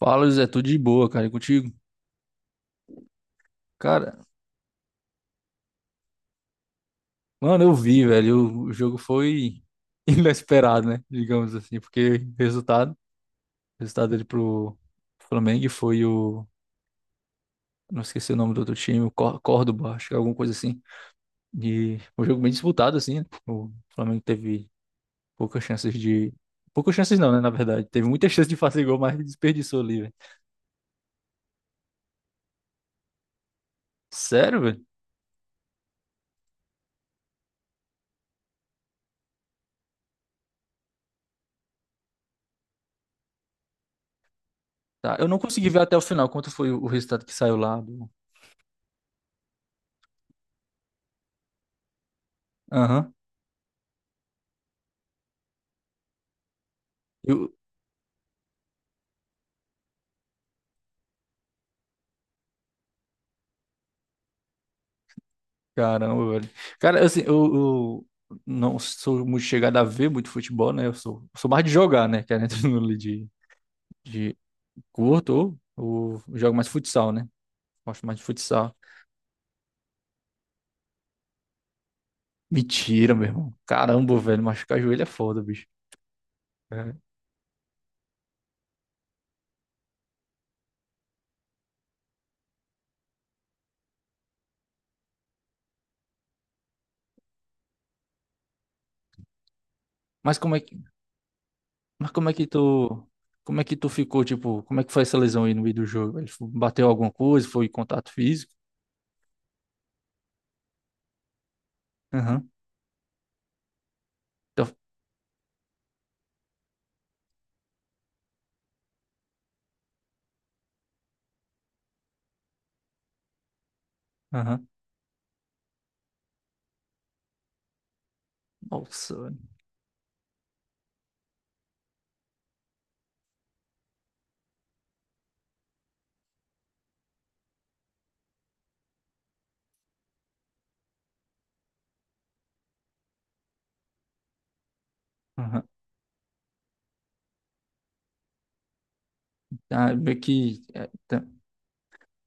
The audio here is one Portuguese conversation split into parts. Fala, José, tudo de boa, cara, e contigo? Cara, mano, eu vi, velho, o jogo foi inesperado, né? Digamos assim, porque o resultado dele pro Flamengo foi o, não esqueci o nome do outro time, o Córdoba, acho que é alguma coisa assim. E um jogo bem disputado assim, né? O Flamengo teve poucas chances de, poucas chances não, né, na verdade. Teve muita chance de fazer gol, mas desperdiçou ali, velho. Sério, velho? Tá, eu não consegui ver até o final quanto foi o resultado que saiu lá do... Aham. Caramba, velho. Cara, assim, eu não sou muito chegado a ver muito futebol, né? Eu sou, sou mais de jogar, né? Que é dentro de curto ou jogo mais futsal, né? Gosto mais de futsal. Mentira, meu irmão. Caramba, velho, machucar joelho é foda, bicho. É. Mas como é que, mas como é que tu, como é que tu ficou, tipo, como é que foi essa lesão aí no meio do jogo? Ele bateu alguma coisa, foi contato físico? Aham. Então, aham. Nossa, velho. Aham. Ah, meio que. É, tá-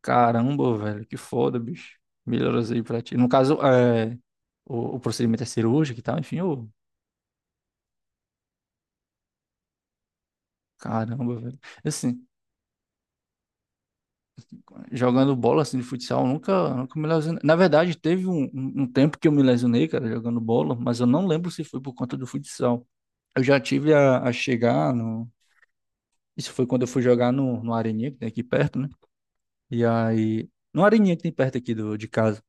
Caramba, velho, que foda, bicho. Melhoras aí pra ti. No caso, é, o procedimento é cirúrgico e tal, enfim, ô, caramba, velho. Assim, jogando bola assim de futsal, eu nunca, nunca me lesionei. Na verdade, teve um, um tempo que eu me lesionei, cara, jogando bola, mas eu não lembro se foi por conta do futsal. Eu já tive a chegar no. Isso foi quando eu fui jogar no Areninha, que tem aqui perto, né? E aí. No Areninha que tem perto aqui do, de casa.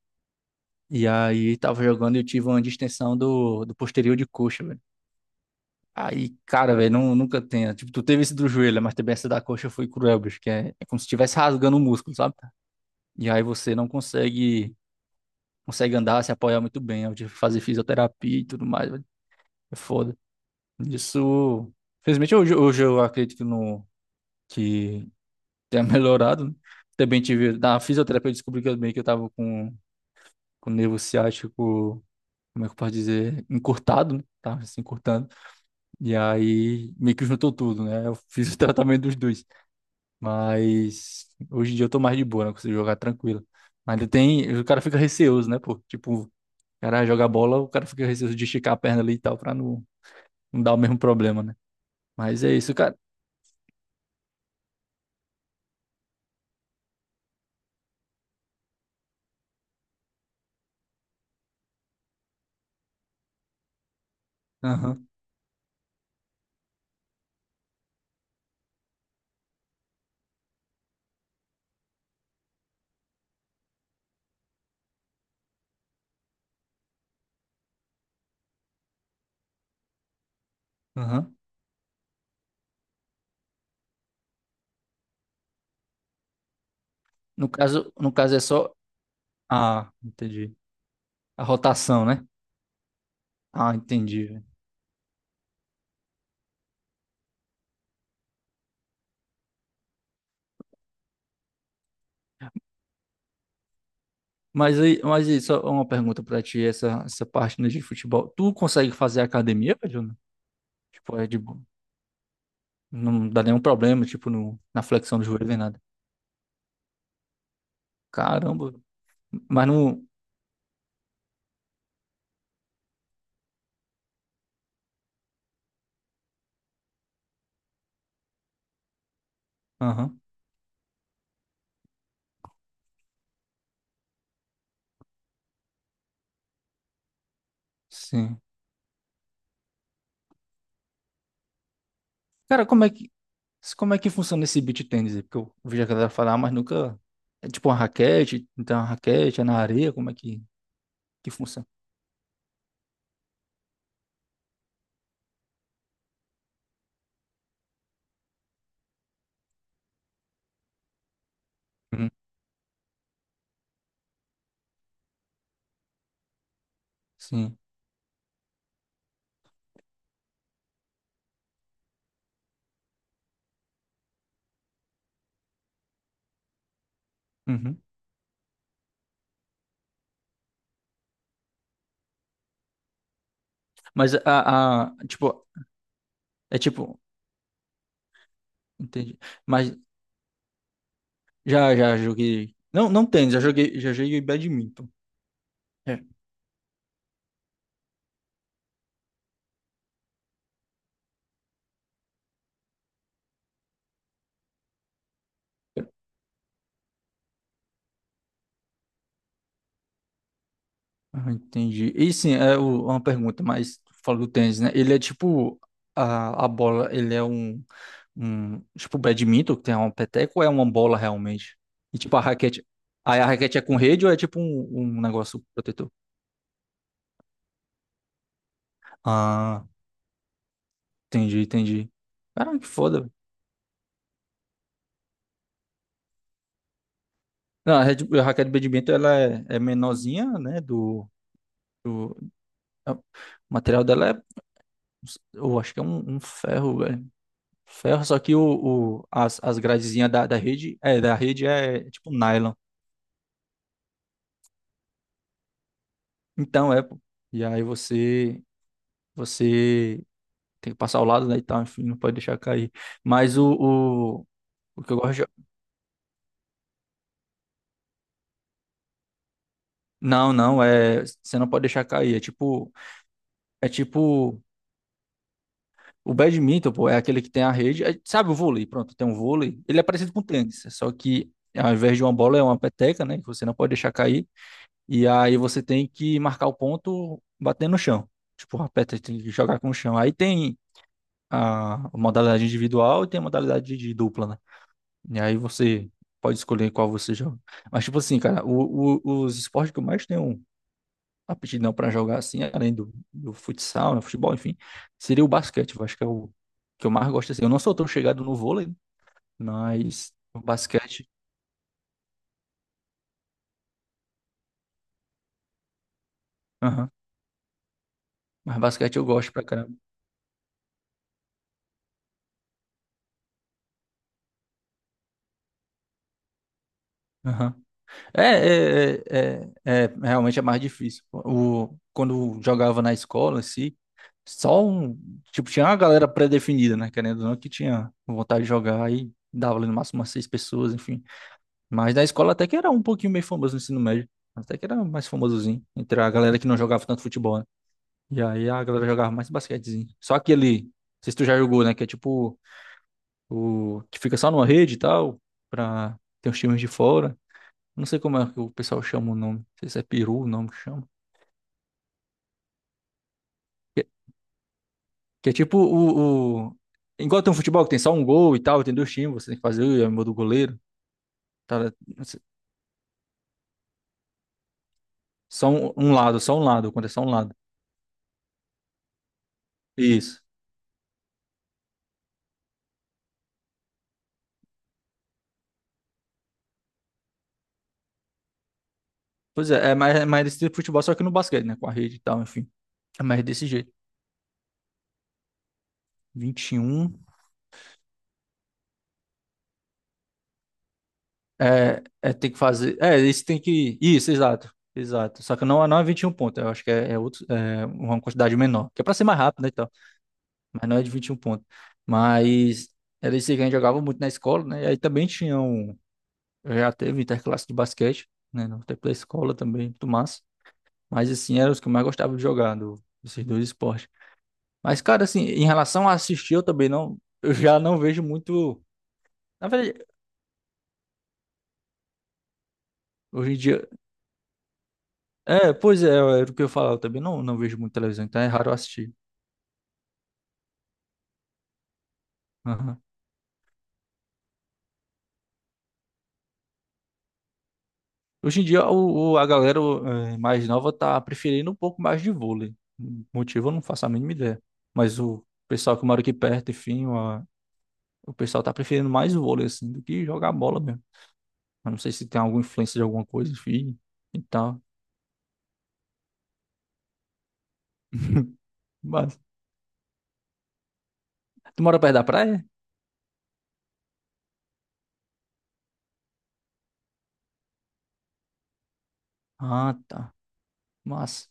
E aí tava jogando e eu tive uma distensão do posterior de coxa, velho. Aí, cara, velho, não nunca tenha. Tipo, tu teve esse do joelho, né, mas também essa da coxa foi cruel, bicho, que é, é como se estivesse rasgando o músculo, sabe? E aí você não consegue, consegue andar, se apoiar muito bem. Eu tive que fazer fisioterapia e tudo mais, velho. É foda. Isso. Felizmente, hoje, hoje eu acredito que, não que tenha melhorado, né? Também tive. Na fisioterapia, eu descobri que eu, meio que eu tava com o nervo ciático, como é que eu posso dizer? Encurtado, né? Tava se encurtando. E aí, meio que juntou tudo, né? Eu fiz o tratamento dos dois. Mas hoje em dia eu tô mais de boa, né? Eu consigo jogar tranquilo. Mas ainda tem. O cara fica receoso, né, pô? Tipo, o cara joga bola, o cara fica receoso de esticar a perna ali e tal, pra não, não dar o mesmo problema, né? Mas é isso, cara. Aham, aham. No caso, no caso é só. Ah, entendi. A rotação, né? Ah, entendi, velho. Mas aí, só uma pergunta pra ti, essa parte né, de futebol. Tu consegue fazer academia, velho? Né? Tipo, é de boa. Não dá nenhum problema, tipo, no, na flexão do joelho nem nada. Caramba. Mas não. Aham, sim. Cara, como é que funciona esse beach tennis aí? Porque eu vi a galera falar, mas nunca... É tipo uma raquete, então uma raquete, é na areia, como é que funciona? Uhum, sim. Uhum. Mas a, tipo, é tipo, entendi. Mas já, já joguei... Não, não tênis, já joguei badminton. É. Ah, entendi. E sim, é o- uma pergunta, mas tu falou do tênis, né? Ele é tipo a bola, ele é um, um tipo badminton, que tem um peteco, ou é uma bola realmente? E tipo a raquete, aí a raquete é com rede ou é tipo um, um negócio protetor? Ah, entendi, entendi. Caramba, que foda, velho. Não, a, rede, a raquete de badminton ela é, é menorzinha, né? Do, é- o material dela é, eu acho que é um, um ferro, velho. Ferro, só que o- as gradezinhas da, da rede é tipo nylon. Então é, pô. E aí você, você tem que passar ao lado, né, e tal, enfim, não pode deixar cair. Mas o, o que eu gosto de... Não, não, é, você não pode deixar cair, é tipo o badminton, pô, é aquele que tem a rede, é- sabe o vôlei, pronto, tem um vôlei, ele é parecido com o tênis, só que ao invés de uma bola é uma peteca, né, que você não pode deixar cair. E aí você tem que marcar o ponto batendo no chão. Tipo, a peça tem que jogar com o chão. Aí tem a modalidade individual e tem a modalidade de dupla, né? E aí você pode escolher qual você joga. Mas, tipo assim, cara, o- os esportes que eu mais tenho aptidão pra jogar, assim, além do, do futsal, né, futebol, enfim, seria o basquete. Eu acho que é o que eu mais gosto, assim. Eu não sou tão chegado no vôlei, mas o basquete... Aham. Mas basquete eu gosto pra caramba. Aham. É, é, é, é, é, realmente é mais difícil. O, quando jogava na escola, assim, só um. Tipo, tinha uma galera pré-definida, né? Querendo ou não, que tinha vontade de jogar aí dava ali no máximo umas seis pessoas, enfim. Mas na escola até que era um pouquinho meio famoso no ensino médio. Até que era mais famosozinho. Entre a galera que não jogava tanto futebol, né? E aí a galera jogava mais basquetezinho. Só aquele. Não sei se tu já jogou, né? Que é tipo. O, que fica só numa rede e tal. Pra ter os times de fora. Não sei como é que o pessoal chama o nome. Não sei se é peru o nome que chama. Que, que é tipo o- igual tem um futebol que tem só um gol e tal, tem dois times, você tem que fazer é o gol do goleiro. Tá, só um, um lado, só um lado, quando é só um lado. Isso. Pois é, é mais desse tipo de futebol, só que no basquete, né? Com a rede e tal, enfim. É mais desse jeito. 21. É, é tem que fazer. É, isso tem que. Isso, exato. Exato. Só que não, é, não é 21 pontos. Eu acho que é, é outro, é uma quantidade menor. Que é pra ser mais rápido, né? Mas não é de 21 pontos. Mas era isso aí que a gente jogava muito na escola, né? E aí também tinha um. Já teve interclasse de basquete, né? No tempo da escola também, muito massa. Mas assim, eram os que eu mais gostava de jogar, do, desses dois esportes. Mas, cara, assim, em relação a assistir, eu também não. Eu já não vejo muito. Na verdade, hoje em dia. É, pois é, era o que eu falava, eu também não, não vejo muito televisão, então é raro eu assistir. Aham. Hoje em dia, o- a galera eh, mais nova tá preferindo um pouco mais de vôlei. Motivo eu não faço a mínima ideia. Mas o pessoal que mora aqui perto, enfim, a- o pessoal tá preferindo mais vôlei, assim, do que jogar bola mesmo. Eu não sei se tem alguma influência de alguma coisa, enfim, e tal. Mas, tu mora perto da praia? Ah, tá. Massa.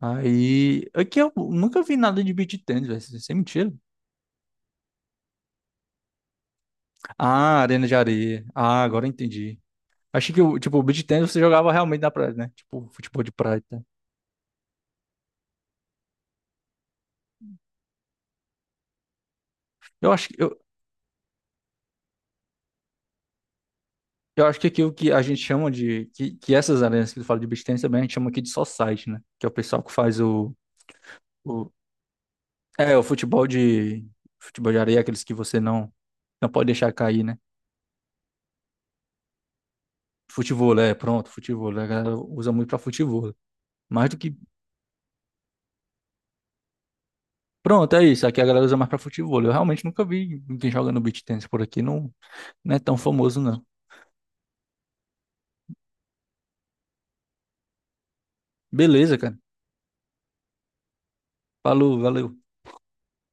Aí, aqui eu nunca vi nada de beach tennis, velho. Sem mentira. Ah, arena de areia. Ah, agora eu entendi. Achei que, o tipo, o beach tennis você jogava realmente na praia, né? Tipo, futebol de praia. Eu acho, que- eu, eu acho que aquilo que a gente chama de. Que essas arenas que tu fala de beach tennis também a gente chama aqui de society, né? Que é o pessoal que faz o. É, o futebol de. Futebol de areia, aqueles que você não, não pode deixar cair, né? Futebol, é, pronto, futebol. A galera usa muito pra futebol. Mais do que. Pronto, é isso. Aqui a galera usa mais pra futebol. Eu realmente nunca vi ninguém jogando beach tennis por aqui. Não, não é tão famoso, não. Beleza, cara. Falou, valeu.